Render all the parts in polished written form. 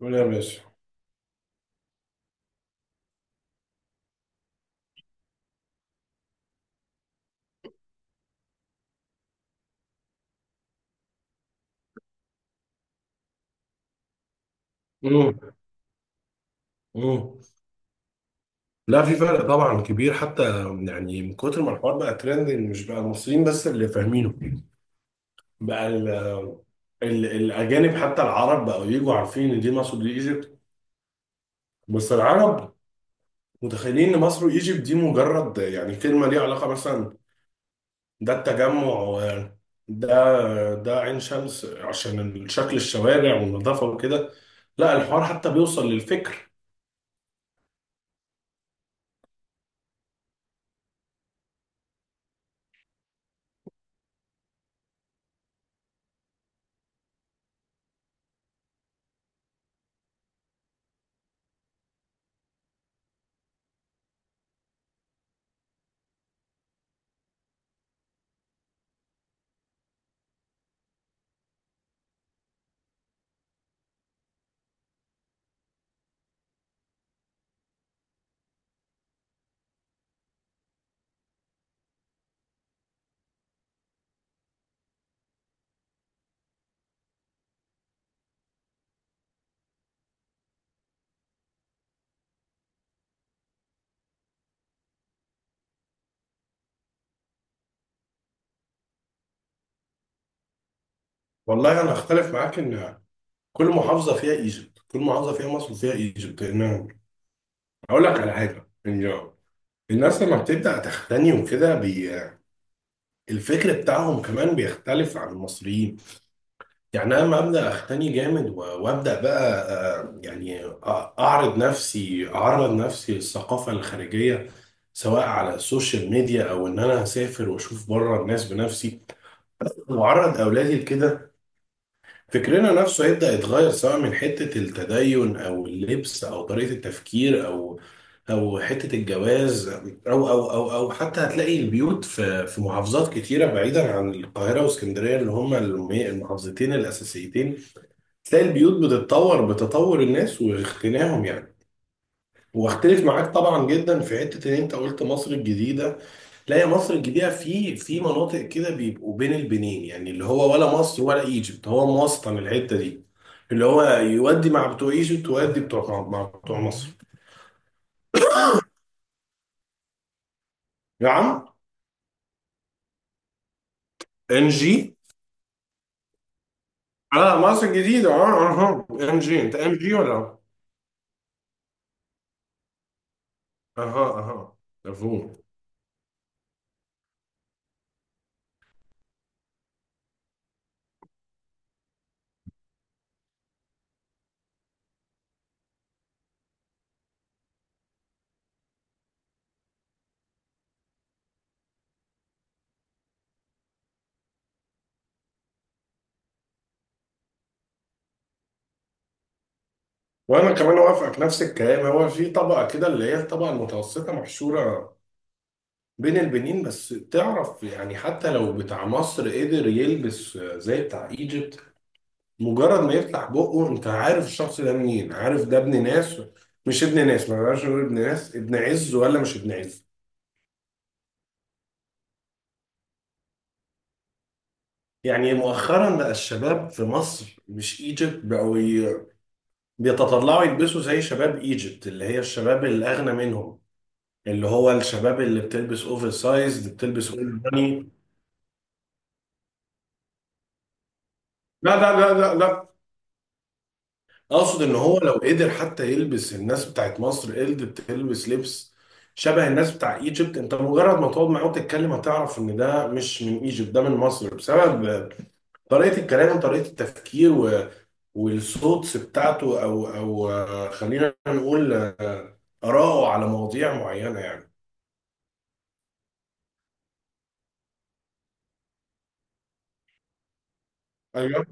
ولا يا باشا. مم. مم. لا، في فرق طبعا كبير. حتى من كتر ما الحوار بقى ترندنج، مش بقى المصريين بس اللي فاهمينه. بقى ال ال الاجانب حتى العرب بقوا يجوا عارفين ان دي مصر دي ايجيبت. بس العرب متخيلين ان مصر وايجيبت دي مجرد كلمه ليها علاقه، مثلا ده التجمع ده ده عين شمس عشان شكل الشوارع والنظافه وكده. لا، الحوار حتى بيوصل للفكر. والله انا اختلف معاك. ان كل محافظه فيها ايجيبت، كل محافظه فيها مصر وفيها ايجيبت. لان اقول لك على حاجه، إن الناس لما بتبدا تختني وكده الفكر بتاعهم كمان بيختلف عن المصريين. انا لما ابدا اختني جامد وابدا بقى، آه، يعني أ- اعرض نفسي، اعرض نفسي للثقافه الخارجيه، سواء على السوشيال ميديا او ان انا اسافر واشوف بره الناس بنفسي واعرض اولادي لكده. فكرنا نفسه هيبدأ يتغير، سواء من حتة التدين أو اللبس أو طريقة التفكير أو أو حتة الجواز أو حتى هتلاقي البيوت في محافظات كتيرة بعيدا عن القاهرة واسكندرية، اللي هما المحافظتين الأساسيتين، تلاقي البيوت بتتطور بتطور الناس واغتناهم يعني. واختلف معاك طبعا جدا في حتة إن أنت قلت مصر الجديدة. لا يا مصر الجديدة، في مناطق كده بيبقوا بين البنين، اللي هو ولا مصر ولا ايجيبت، هو موسطن الحتة دي، اللي هو يودي مع بتوع ايجيبت ويودي بتوع مع بتوع مصر. يا عم، ام جي. اه، مصر الجديدة. اه، اها، ام جي. انت ام جي ولا؟ اها، اها، مفهوم. وانا كمان اوافقك نفس الكلام. هو في طبقة كده اللي هي الطبقة المتوسطة محشورة بين البنين. بس تعرف، حتى لو بتاع مصر قدر يلبس زي بتاع ايجيبت، مجرد ما يفتح بقه انت عارف الشخص ده منين. عارف ده ابن ناس؟ مش ابن ناس، ما بقاش نقول ابن ناس، ابن عز ولا مش ابن عز. مؤخرا بقى الشباب في مصر مش ايجيبت بقوا بيتطلعوا يلبسوا زي شباب ايجيبت، اللي هي الشباب الاغنى منهم، اللي هو الشباب اللي بتلبس اوفر سايز، اللي بتلبس اول باني. لا لا لا لا لا، اقصد ان هو لو قدر. حتى يلبس، الناس بتاعت مصر قدرت تلبس لبس شبه الناس بتاع ايجيبت، انت مجرد ما تقعد معاه وتتكلم هتعرف ان ده مش من ايجيبت، ده من مصر، بسبب طريقة الكلام وطريقة التفكير والصوتس بتاعته، او او خلينا نقول آراءه على مواضيع معينة يعني. ايوه.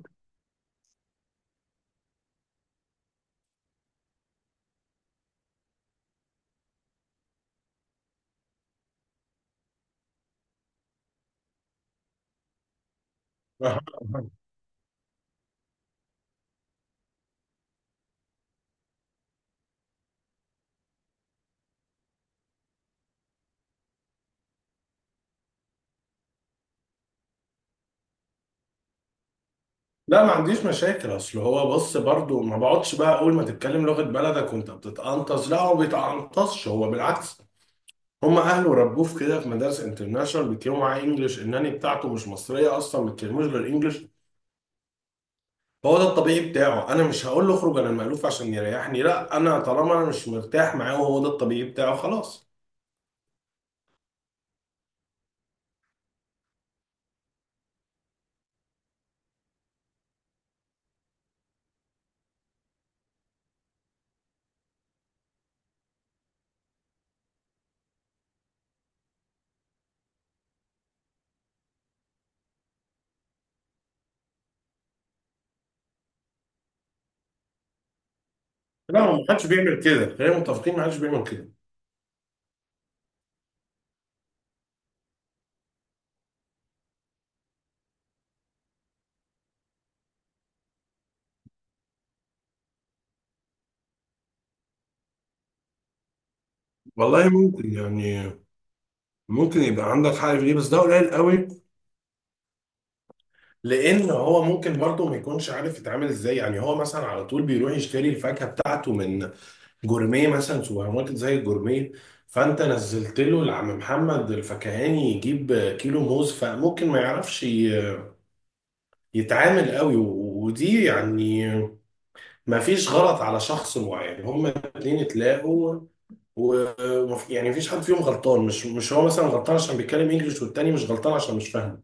أها. لا، ما عنديش مشاكل. اصل هو بص، برضو ما بقعدش بقى اول ما تتكلم لغة بلدك وانت بتتقنطص. لا، هو ما بيتقنطصش، هو بالعكس. هم اهله ربوه في كده، في مدارس انترناشونال بيتكلموا معاه انجلش، الناني بتاعته مش مصريه اصلا ما بيتكلموش غير انجلش. فهو ده الطبيعي بتاعه. انا مش هقول له اخرج انا المألوف عشان يريحني. لا، انا طالما انا مش مرتاح معاه وهو ده الطبيعي بتاعه، خلاص. لا، هو ما حدش بيعمل كده، خلينا متفقين ما حدش بيعمل كده. والله ممكن ممكن يبقى عندك حق في دي، بس ده قليل قوي. لان هو ممكن برضه ما يكونش عارف يتعامل ازاي. هو مثلا على طول بيروح يشتري الفاكهه بتاعته من جورميه مثلا، سوبر ماركت زي الجورميه. فانت نزلت له لعم محمد الفكهاني يجيب كيلو موز، فممكن ما يعرفش يتعامل قوي ودي يعني ما فيش غلط على شخص معين، هما الاتنين اتلاقوا و يعني مفيش حد فيهم غلطان. مش هو مثلا غلطان عشان بيتكلم انجلش والتاني مش غلطان عشان مش فاهم.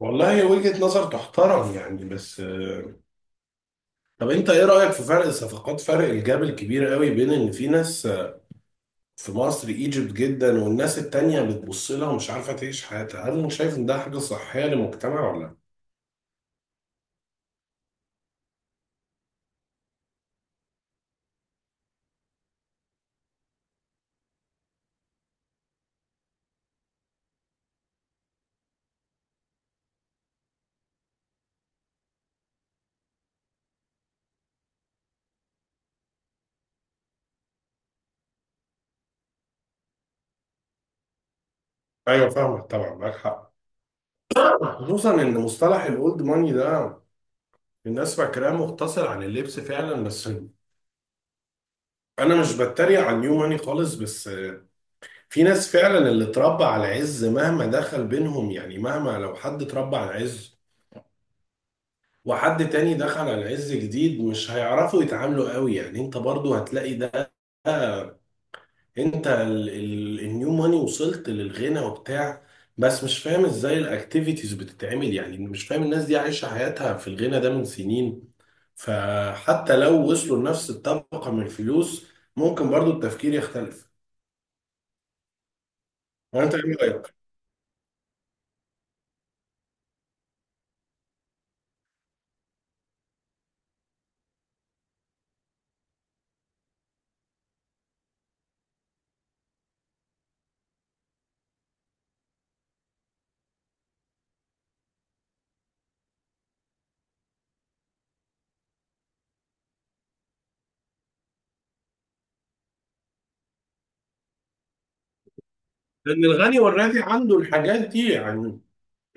والله وجهة نظر تحترم يعني. بس طب انت ايه رأيك في فرق الصفقات، فرق الجاب الكبير قوي بين ان في ناس في مصر ايجيبت جدا والناس التانية بتبص لها ومش عارفة تعيش حياتها؟ هل شايف ان ده حاجة صحية للمجتمع ولا لا؟ ايوه، فاهمك طبعا، معاك حق. خصوصا ان مصطلح الاولد ماني ده الناس فاكراه مقتصر عن اللبس فعلا، بس انا مش بتريق على النيو ماني خالص. بس في ناس فعلا اللي اتربى على عز، مهما دخل بينهم، مهما لو حد اتربى على عز وحد تاني دخل على عز جديد، مش هيعرفوا يتعاملوا قوي. انت برضو هتلاقي ده، انت ال النيو ماني وصلت للغنى وبتاع، بس مش فاهم ازاي الاكتيفيتيز بتتعمل. مش فاهم، الناس دي عايشة حياتها في الغنى ده من سنين، فحتى لو وصلوا لنفس الطبقة من الفلوس ممكن برضو التفكير يختلف. وانت ايه رأيك؟ لان الغني والراضي عنده الحاجات دي يعني،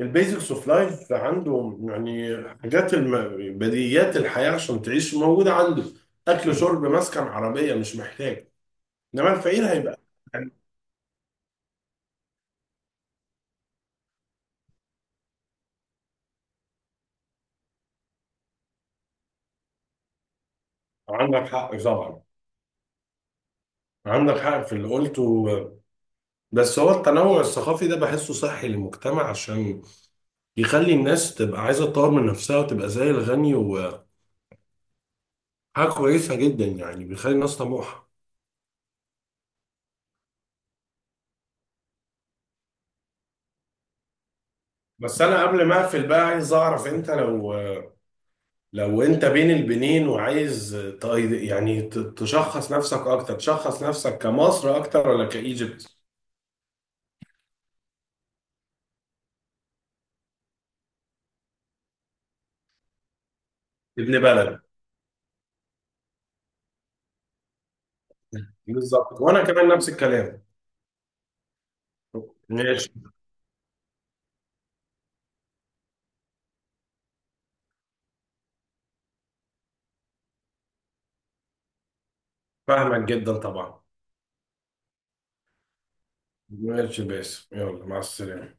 البيزكس اوف لايف عنده، بديهيات الحياة عشان تعيش موجودة عنده. اكل، شرب، مسكن، عربية، مش محتاج. انما الفقير هيبقى. عندك حق طبعا، عندك حق في اللي قلته. بس هو التنوع الثقافي ده بحسه صحي للمجتمع، عشان يخلي الناس تبقى عايزة تطور من نفسها وتبقى زي الغني، وحاجة كويسة جدا يعني، بيخلي الناس طموحة. بس أنا قبل ما أقفل بقى عايز أعرف أنت، لو أنت بين البنين وعايز تشخص نفسك أكتر، تشخص نفسك كمصر أكتر ولا كإيجيبت؟ ابن بلد. بالظبط، وأنا كمان نفس الكلام. ماشي. فاهمك جدا طبعا. ماشي باسم، يلا مع السلامة.